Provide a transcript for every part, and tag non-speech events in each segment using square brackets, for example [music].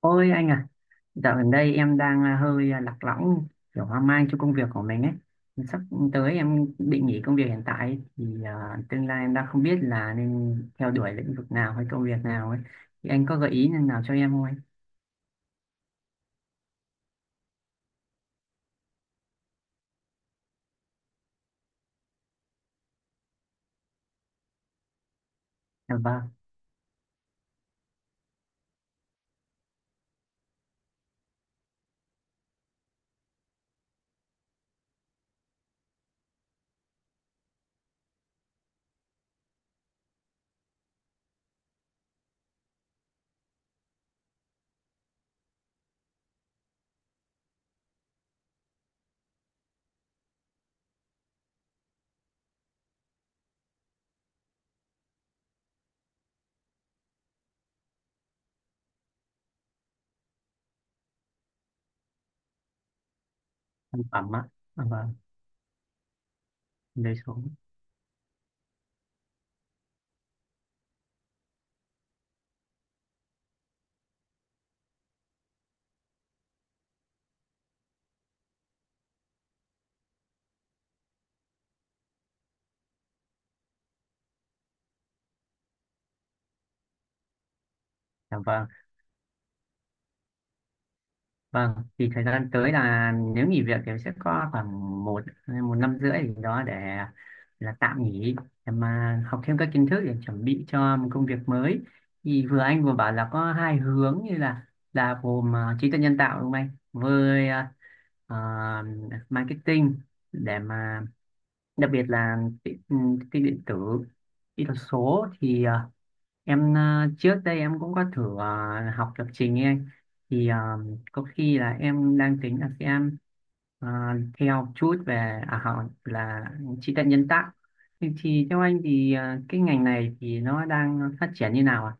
Ôi anh à, dạo gần đây em đang hơi lạc lõng, kiểu hoang mang cho công việc của mình ấy. Sắp tới em định nghỉ công việc hiện tại thì tương lai em đang không biết là nên theo đuổi lĩnh vực nào hay công việc nào ấy. Thì anh có gợi ý nào cho em không anh? Dạ vâng, sản phẩm ạ. Dạ vâng, đời sống. Dạ vâng. Vâng, thì thời gian tới là nếu nghỉ việc thì sẽ có khoảng một một năm rưỡi gì đó để là tạm nghỉ để mà học thêm các kiến thức để chuẩn bị cho một công việc mới. Thì vừa anh vừa bảo là có hai hướng như là gồm trí tuệ nhân tạo đúng không anh? Với à, marketing để mà đặc biệt là tin điện tử, kỹ thuật số thì em trước đây em cũng có thử học lập trình ấy anh. Thì có khi là em đang tính là sẽ ờ, theo chút về họ là trí tuệ nhân tạo thì theo anh thì cái ngành này thì nó đang phát triển như nào ạ?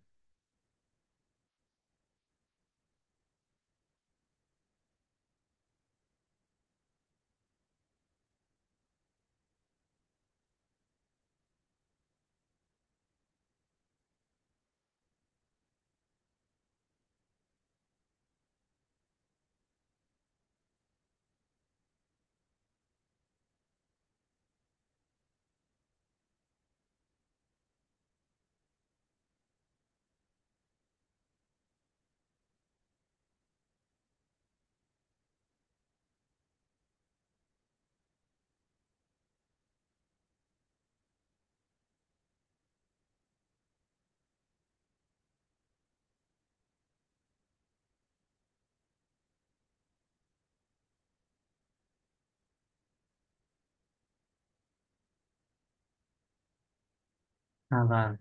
À, vâng.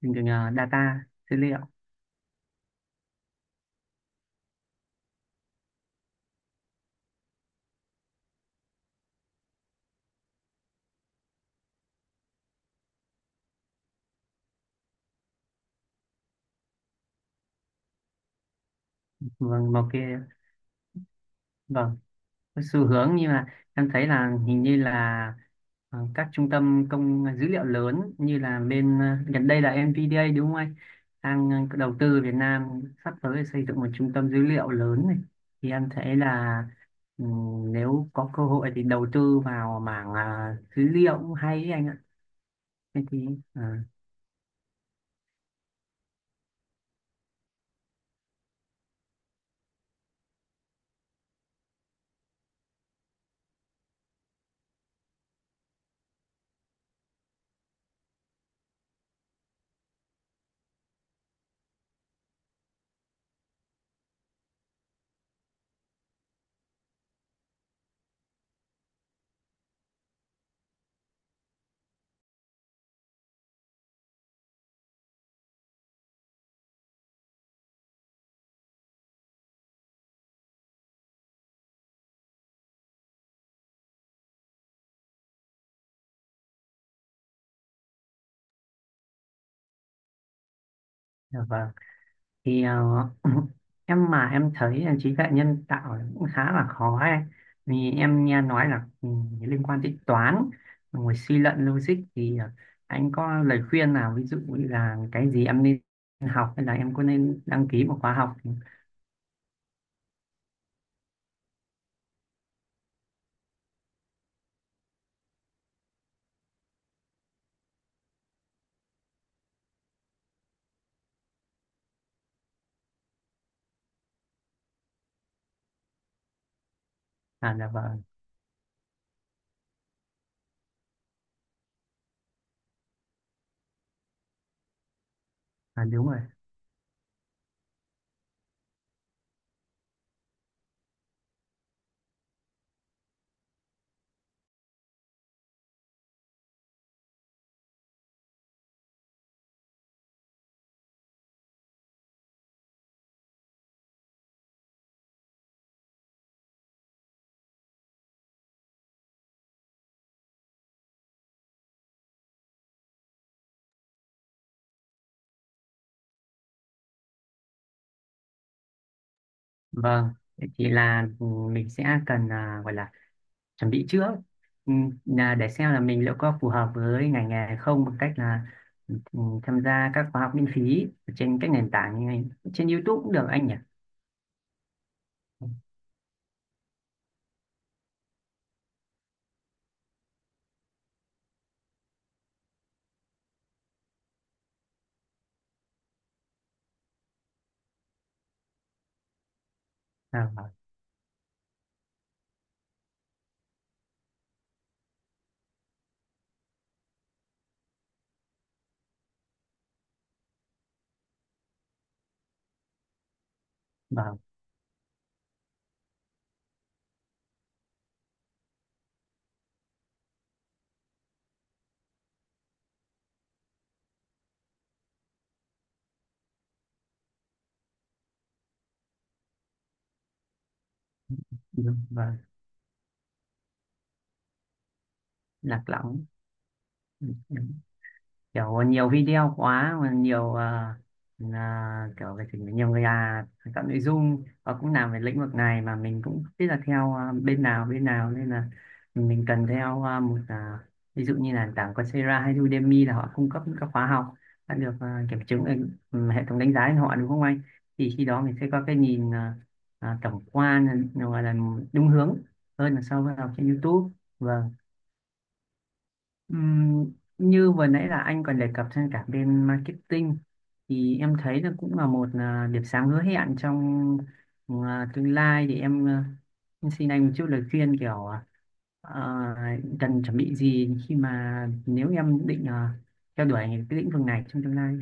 Ngành, data, dữ liệu. Vâng, một cái, vâng, cái xu hướng, nhưng mà em thấy là hình như là các trung tâm công dữ liệu lớn, như là bên gần đây là NVDA đúng không anh, đang đầu tư Việt Nam, sắp tới xây dựng một trung tâm dữ liệu lớn này, thì em thấy là nếu có cơ hội thì đầu tư vào mảng dữ liệu cũng hay ấy anh ạ. Thế thì ờ, dạ vâng. Thì [laughs] [clears throat] em mà em thấy là trí tuệ nhân tạo là cũng khá là khó ấy. Vì em nghe nói là liên quan đến toán, ngồi suy luận logic, thì anh có lời khuyên nào, ví dụ như là cái gì em nên học, hay là em có nên đăng ký một khóa học? À, là vâng. À, đúng rồi. Vâng. Thế thì là mình sẽ cần gọi là chuẩn bị trước, ừ, là để xem là mình liệu có phù hợp với ngành nghề hay không, bằng cách là ừ, tham gia các khóa học miễn phí trên các nền tảng như này, trên YouTube cũng được anh nhỉ? Vâng, vâng, vâng. Đúng, vâng. Lạc lõng. Ừ, ừ. Kiểu nhiều video quá, mà nhiều là kiểu về trình, nhiều người là tạo nội dung và cũng làm về lĩnh vực này, mà mình cũng không biết là theo bên nào bên nào, nên là mình cần theo một, ví dụ như là nền tảng Coursera hay Udemy, là họ cung cấp những các khóa học đã được kiểm chứng ở hệ thống đánh giá của họ đúng không anh? Thì khi đó mình sẽ có cái nhìn tổng quan, gọi là đúng hướng hơn là so với học trên YouTube. Vâng. Ừm, Như vừa nãy là anh còn đề cập trên cả bên marketing, thì em thấy là cũng là một điểm sáng hứa hẹn trong tương lai, thì em xin anh một chút lời khuyên, kiểu cần chuẩn bị gì khi mà nếu em định theo đuổi cái lĩnh vực này trong tương lai.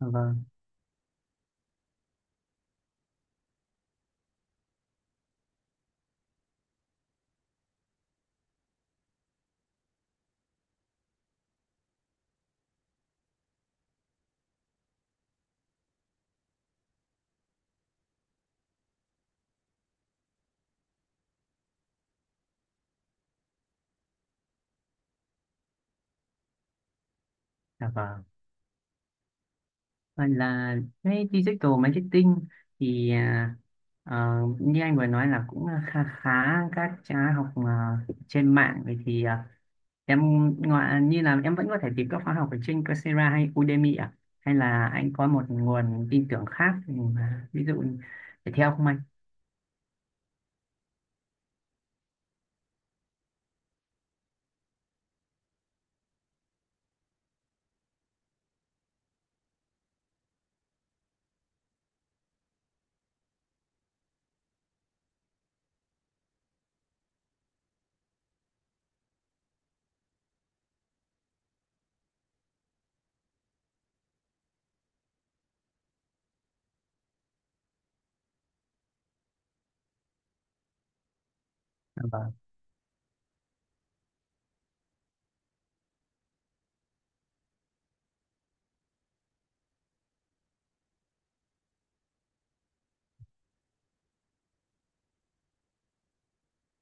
Dạ vâng. Dạ vâng. Và là cái digital marketing thì ờ, như anh vừa nói là cũng khá khá các khóa học trên mạng, vậy thì em, ngoài như là em vẫn có thể tìm các khóa học ở trên Coursera hay Udemy à, hay là anh có một nguồn tin tưởng khác, mà ví dụ để theo không anh? Dạ vâng.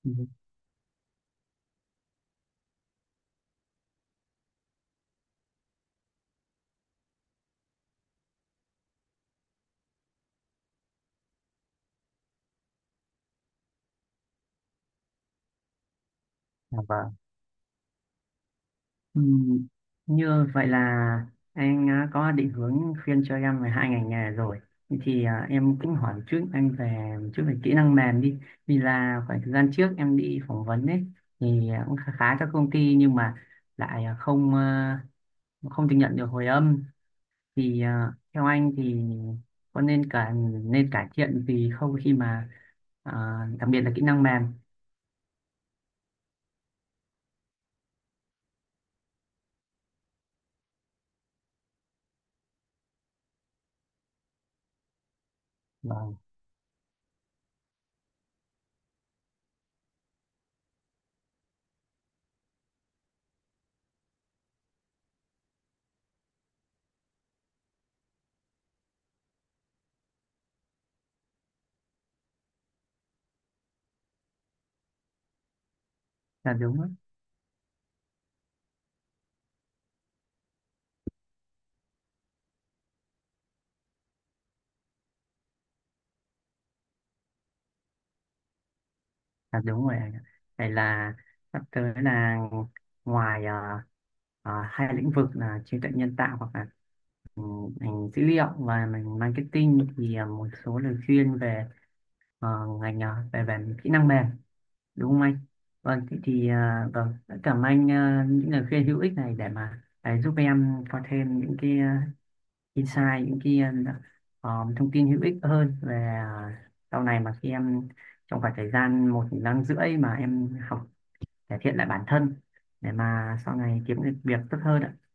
Ừ. Dạ vâng. Ừ, như vậy là anh có định hướng khuyên cho em về hai ngành nghề rồi, thì em cũng hỏi một chút anh về một chút về kỹ năng mềm đi, vì là khoảng thời gian trước em đi phỏng vấn ấy, thì cũng khá khá các công ty, nhưng mà lại không được nhận được hồi âm, thì theo anh thì có nên cả nên cải thiện gì không, khi mà à, đặc biệt là kỹ năng mềm. Vâng, là đúng đó. Là đúng rồi anh ạ. Vậy là sắp tới là, ngoài hai lĩnh vực là trí tuệ nhân tạo hoặc là ngành dữ liệu và ngành marketing, thì một số lời khuyên về à, ngành, về về kỹ năng mềm, đúng không anh? Vâng, thế thì vâng rất cảm ơn anh những lời khuyên hữu ích này, để giúp em có thêm những cái insight, những cái thông tin hữu ích hơn về sau này mà khi em, trong khoảng thời gian một năm rưỡi mà em học cải thiện lại bản thân, để mà sau này kiếm được việc tốt hơn ạ.